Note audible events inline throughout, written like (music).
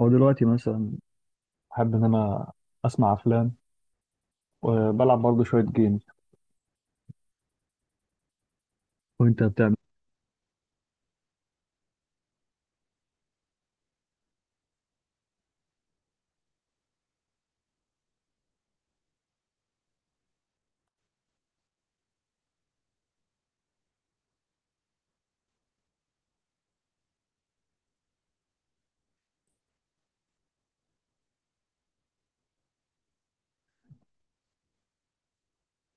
او دلوقتي مثلا. بحب ان انا اسمع افلام وبلعب برضه شويه جيمز. وانت بتعمل؟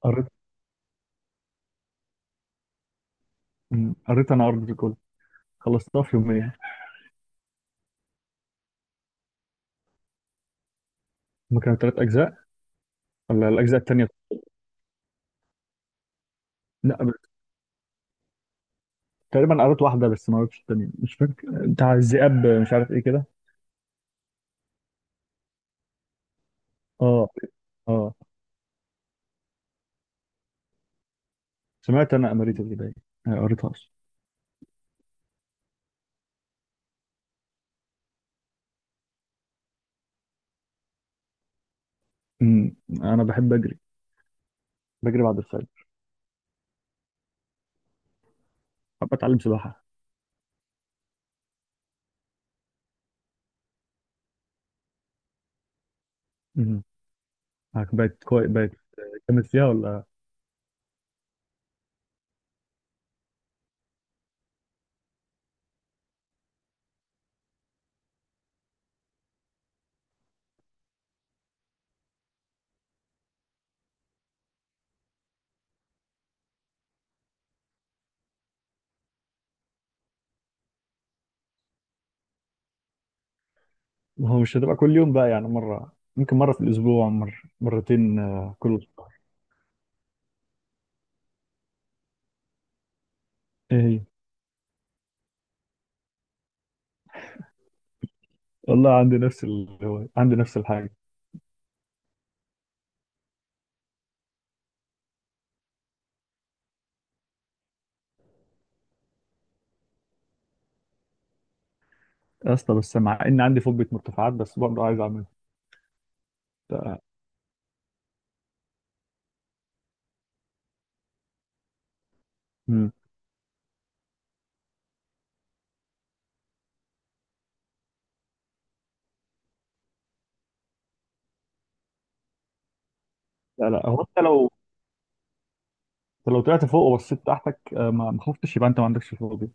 قريت. قريت انا ارض الكل، خلصتها في يومين يعني. ما كانوا ثلاث اجزاء ولا الاجزاء الثانيه؟ لا، تقريبا قريت واحده بس ما قريتش الثانيه. مش فاكر بتاع الذئاب، مش عارف ايه كده. اه، اه. سمعت انا اماريتا دي باين. آه، قريتهاش. م، انا بحب اجري. بجري بعد الفجر. بحب اتعلم سباحه. م، بقت كويس بقت. جامد فيها ولا؟ ما هو مش هتبقى كل يوم بقى، يعني مرة، ممكن مرة في الأسبوع، مرة مرتين كل أسبوع. إيه هي؟ والله عندي نفس الهواية، عندي نفس الحاجة. يا اسطى، بس مع إن عندي فوبيا مرتفعات بس برضه عايز أعملها. ف- مم. لا لا، هو أنت لو طلعت فوق وبصيت تحتك، ما خفتش، يبقى أنت ما عندكش فوبيا.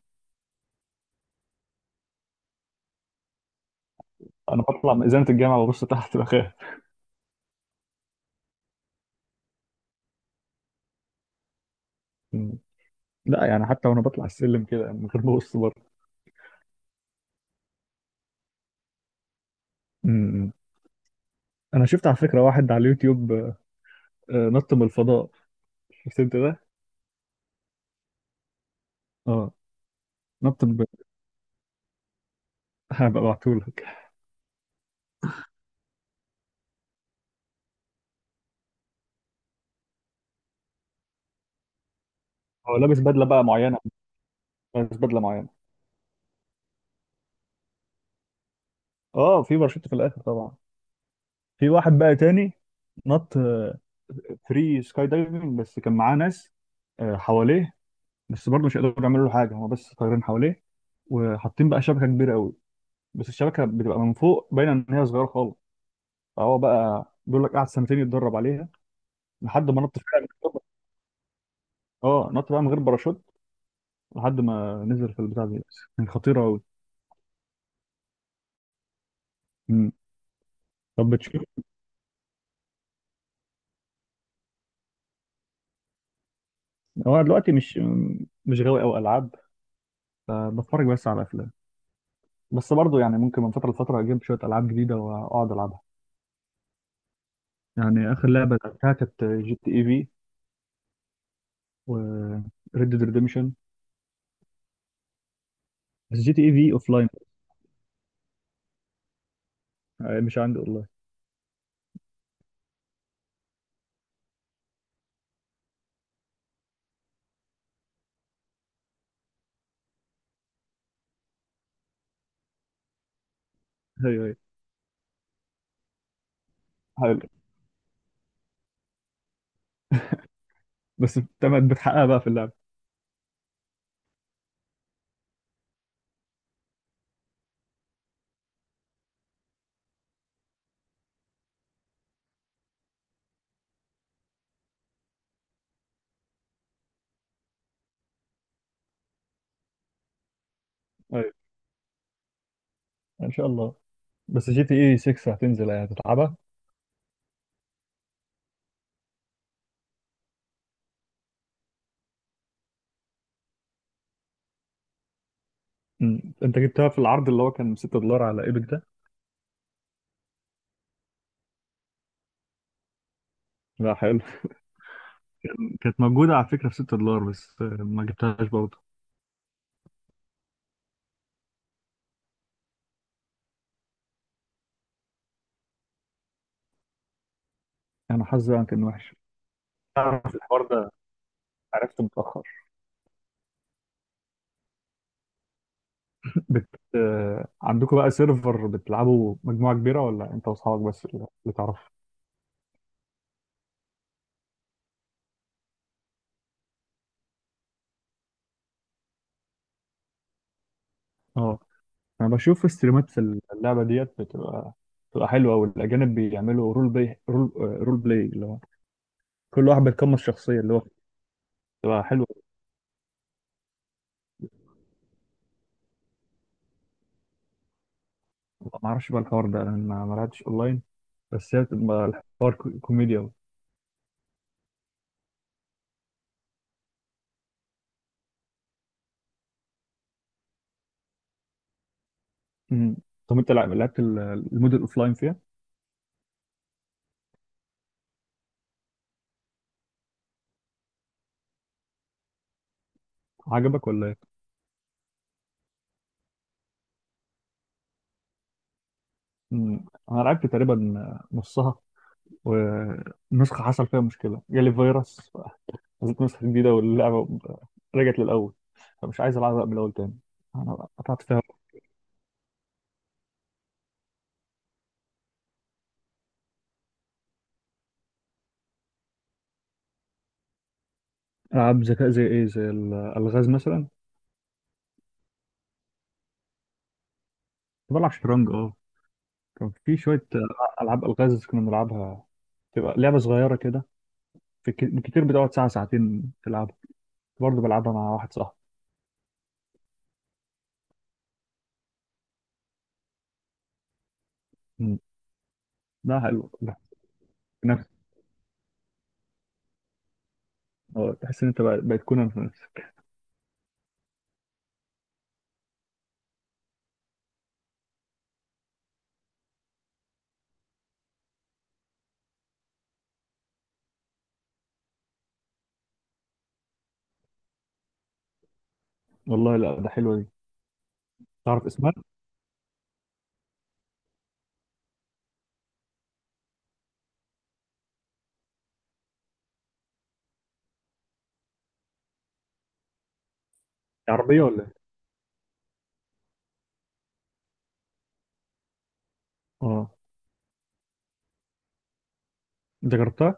أنا بطلع من إزالة الجامعة وببص تحت بخاف. مم. لا، يعني حتى وأنا بطلع السلم كده من غير ما أبص بره. مم. أنا شفت على فكرة واحد على اليوتيوب نط من الفضاء. شفت أنت ده؟ أه. نط من هبقى ابعتهولك. هو لابس بدله بقى معينه، لابس بدله معينه. اه، في باراشوت في الاخر طبعا. في واحد بقى تاني نط فري سكاي دايفنج، بس كان معاه ناس حواليه. بس برضه مش قادروا يعملوا له حاجه، هو بس طايرين حواليه وحاطين بقى شبكه كبيره قوي. بس الشبكه بتبقى من فوق باينه ان هي صغيره خالص. فهو بقى بيقول لك قعد سنتين يتدرب عليها لحد ما نط فعلا من غير- اه، نط بقى من غير باراشوت لحد ما نزل في البتاع دي. بس كانت خطيره قوي. مم. طب بتشوف، هو دلوقتي مش غاوي قوي العاب، فبتفرج بس على افلام. بس برضو يعني ممكن من فتره لفتره اجيب شويه العاب جديده واقعد العبها. يعني اخر لعبه لعبتها كانت جي تي اي في و ريد ديد ريديمشن. بس جي تي اي في اوف لاين. مش عندي اونلاين. ايوه، ايوه. حلو. بس تمام، بتحققها بقى في اللعبه. ايوه، ان شاء الله. بس جي تي اي 6 هتنزل يعني هتتعبها. أمم. انت جبتها في العرض اللي هو كان $6 على ايبك ده؟ لا، حلو. كانت موجوده على فكره ب $6 بس ما جبتهاش برضه. انا حظي بقى كان وحش. تعرف الحوار ده؟ عرفته متاخر. بت... عندكم بقى سيرفر بتلعبوا مجموعة كبيرة، ولا انت واصحابك بس اللي تعرف؟ اه. انا بشوف استريمات في اللعبة ديت، بتبقى حلوة أوي. الأجانب بيعملوا رول بلاي اللي هو كل واحد بيتقمص شخصية اللي هو بتبقى حلوة. ما اعرفش بقى الحوار ده، انا ما لعبتش اونلاين. بس هي بتبقى الحوار كوميديا أوي. أمم. طب انت لعبت المود الاوفلاين فيها؟ عجبك ولا ايه؟ أمم. انا لعبت تقريبا نصها، ونسخة حصل فيها مشكلة، جالي فيروس، نزلت نسخة جديدة واللعبة رجعت للأول، فمش عايز ألعبها من الأول تاني. أنا قطعت فيها. ألعاب ذكاء زي إيه؟ زي الألغاز مثلا؟ كنت بلعب شطرنج، أه. كان في شوية ألعاب ألغاز كنا بنلعبها. تبقى لعبة صغيرة كده. في كتير بتقعد ساعة ساعتين تلعبها. كنت برضه بلعبها مع واحد صاحبي. مم. لا، حلو، لا. نفس. تحس إن أنت بقيت كونان في نفسك. والله لا، ده حلوة دي. تعرف اسمها؟ عربية ولا إيه؟ أه. أنت جربتها؟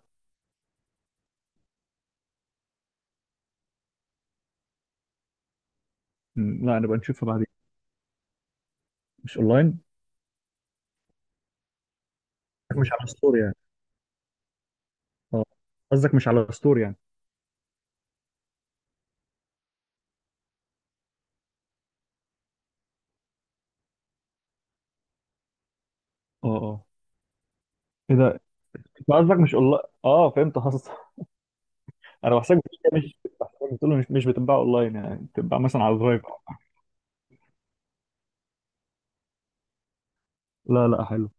مم. لا، نبقى نشوفها بعدين. مش أونلاين؟ مش على ستوري يعني؟ اه. قصدك مش على ستور يعني. اه، اه. ايه ده؟ انت قصدك مش اونلاين، اه فهمت قصدك. (laughs) انا بحسك بتقول مش بحسك بتقول مش بتتباع اونلاين، يعني بتتباع مثلا على درايف. لا لا، حلو.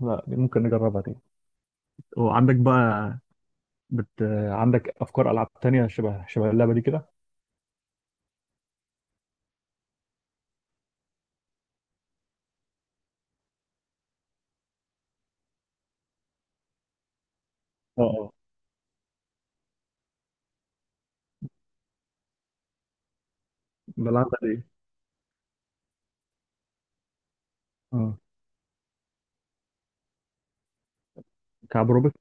لا، دي ممكن نجربها تاني. وعندك بقى، بت... عندك افكار العاب تانية شبه اللعبة دي كده؟ اه اه، بلعبها دي. اه، كعب روبوت.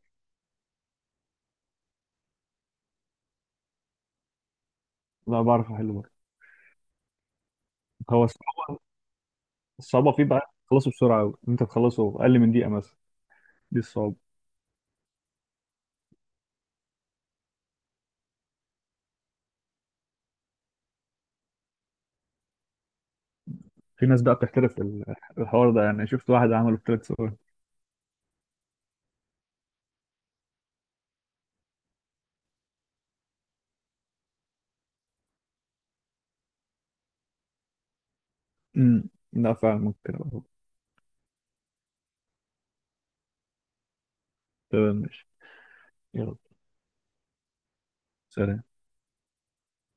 لا، بعرف احل برضه. هو الصعوبه فيه بقى، تخلصه بسرعه قوي، انت تخلصه اقل من دقيقه مثلا. دي الصعوبه. في ناس بقى بتحترف الحوار ده، يعني شفت واحد عمله في 3 ثواني. لا، فاهمك. تمام، ماشي. يلا، سلام.